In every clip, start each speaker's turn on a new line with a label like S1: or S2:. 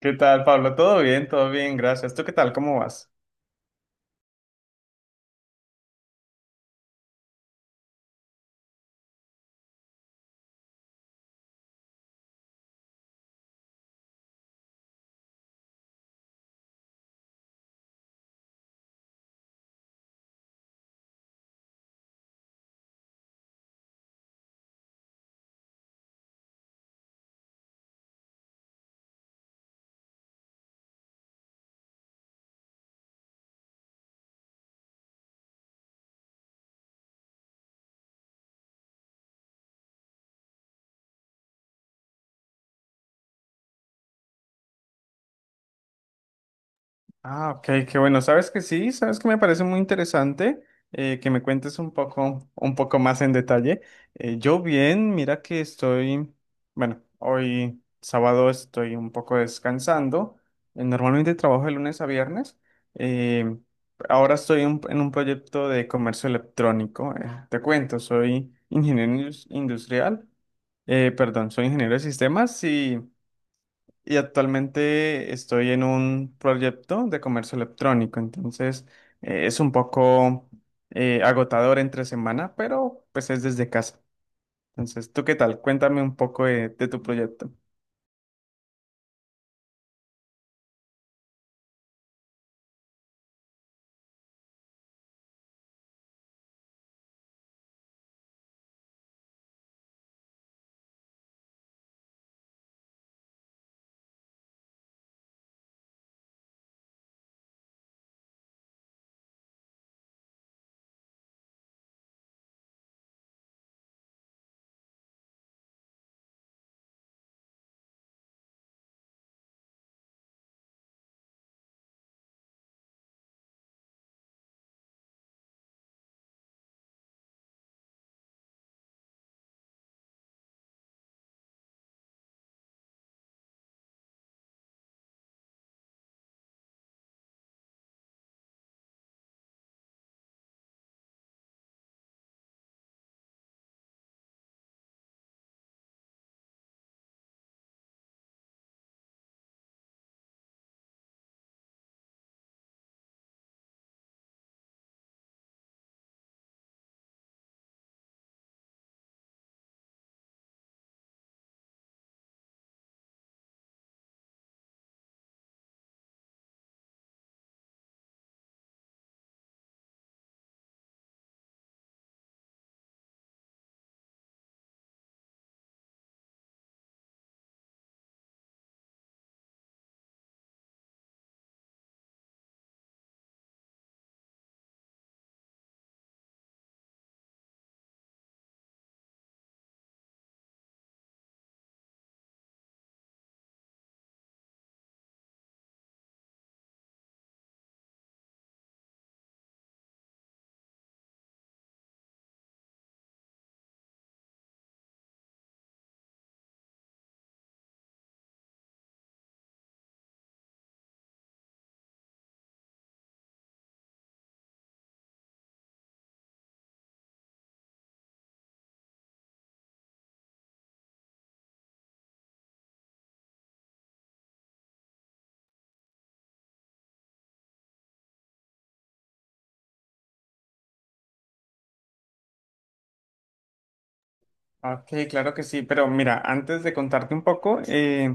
S1: ¿Qué tal, Pablo? ¿Todo bien? Todo bien, gracias. ¿Tú qué tal? ¿Cómo vas? Ah, ok, qué bueno. Sabes que sí, sabes que me parece muy interesante que me cuentes un poco más en detalle. Yo bien, mira que bueno, hoy sábado estoy un poco descansando. Normalmente trabajo de lunes a viernes. Eh, Ahora estoy en un proyecto de comercio electrónico. Te cuento, soy ingeniero industrial, perdón, soy ingeniero de sistemas y... Y actualmente estoy en un proyecto de comercio electrónico, entonces es un poco agotador entre semana, pero pues es desde casa. Entonces, ¿tú qué tal? Cuéntame un poco de tu proyecto. Ok, claro que sí, pero mira, antes de contarte un poco,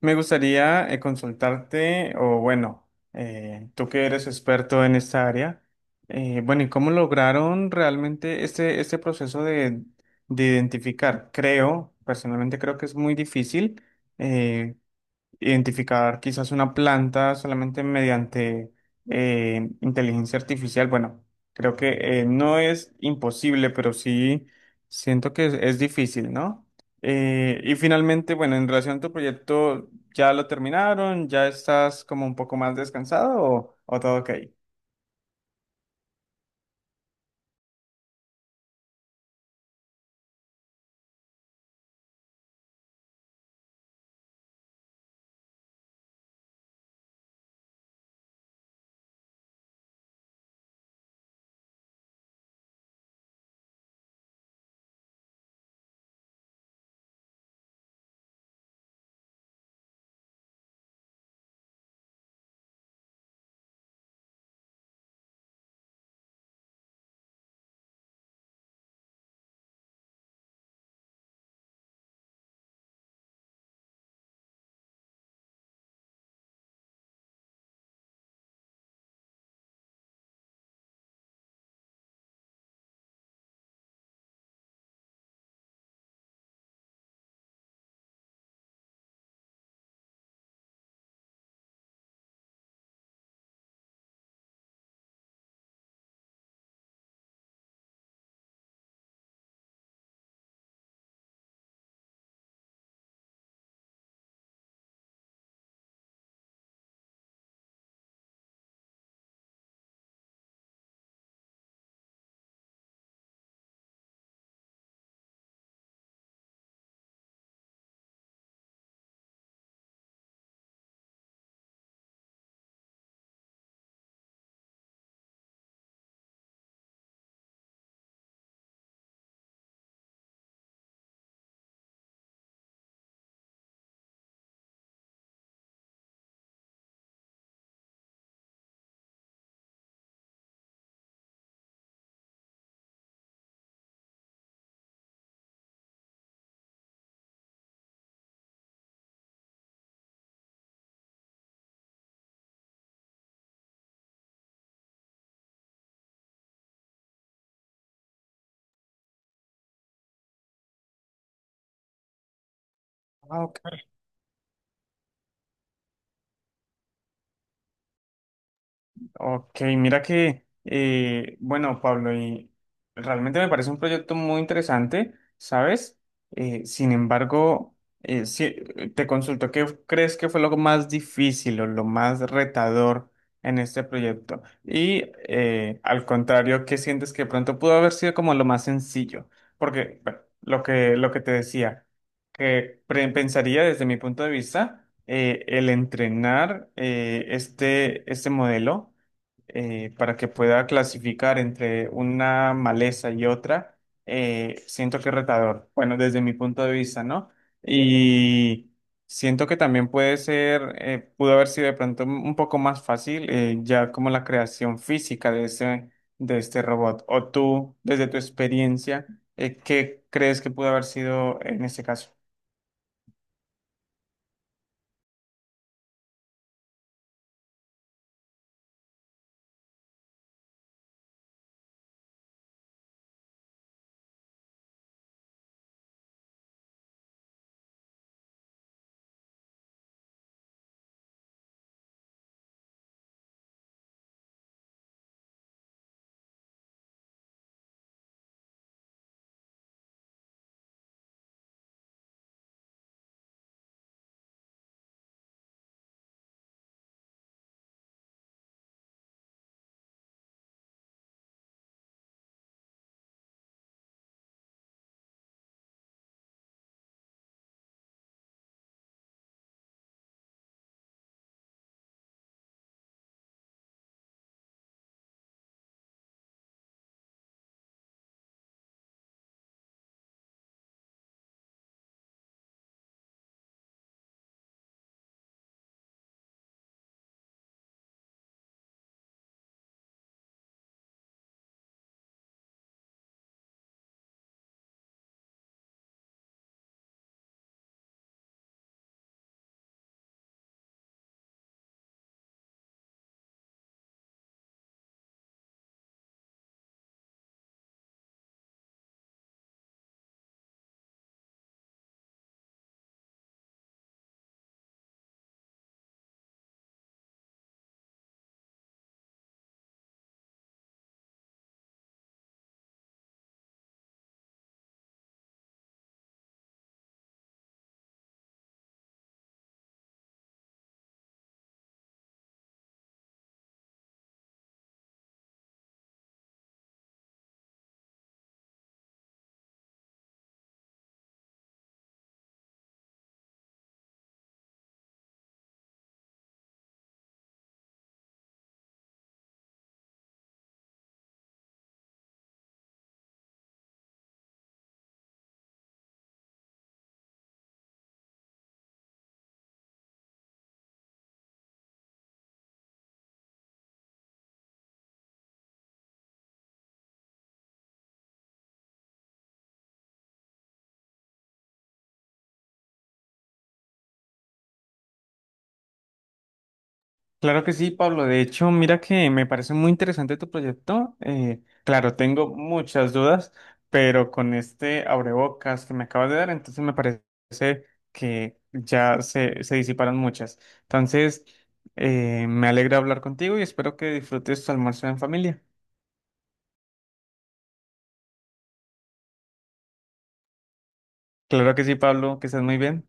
S1: me gustaría consultarte, o bueno, tú que eres experto en esta área, bueno, ¿y cómo lograron realmente este, este proceso de identificar? Creo, personalmente creo que es muy difícil, eh, identificar quizás una planta solamente mediante inteligencia artificial. Bueno, creo que no es imposible, pero sí siento que es difícil, ¿no? Y finalmente, bueno, en relación a tu proyecto, ¿ya lo terminaron? ¿Ya estás como un poco más descansado o todo ok? Ah, ok. Ok, mira que, bueno, Pablo, y realmente me parece un proyecto muy interesante, ¿sabes? Sin embargo, sí, te consulto, ¿qué crees que fue lo más difícil o lo más retador en este proyecto? Y al contrario, ¿qué sientes que pronto pudo haber sido como lo más sencillo? Porque, bueno, lo que te decía, que pensaría desde mi punto de vista el entrenar este, este modelo para que pueda clasificar entre una maleza y otra, siento que es retador. Bueno, desde mi punto de vista, ¿no? Y siento que también puede ser, pudo haber sido de pronto un poco más fácil, ya como la creación física de ese, de este robot. O tú, desde tu experiencia, ¿qué crees que pudo haber sido en este caso? Claro que sí, Pablo. De hecho, mira que me parece muy interesante tu proyecto. Claro, tengo muchas dudas, pero con este abrebocas que me acabas de dar, entonces me parece que ya se disiparon muchas. Entonces, me alegra hablar contigo y espero que disfrutes tu almuerzo en familia. Claro que sí, Pablo, que estés muy bien.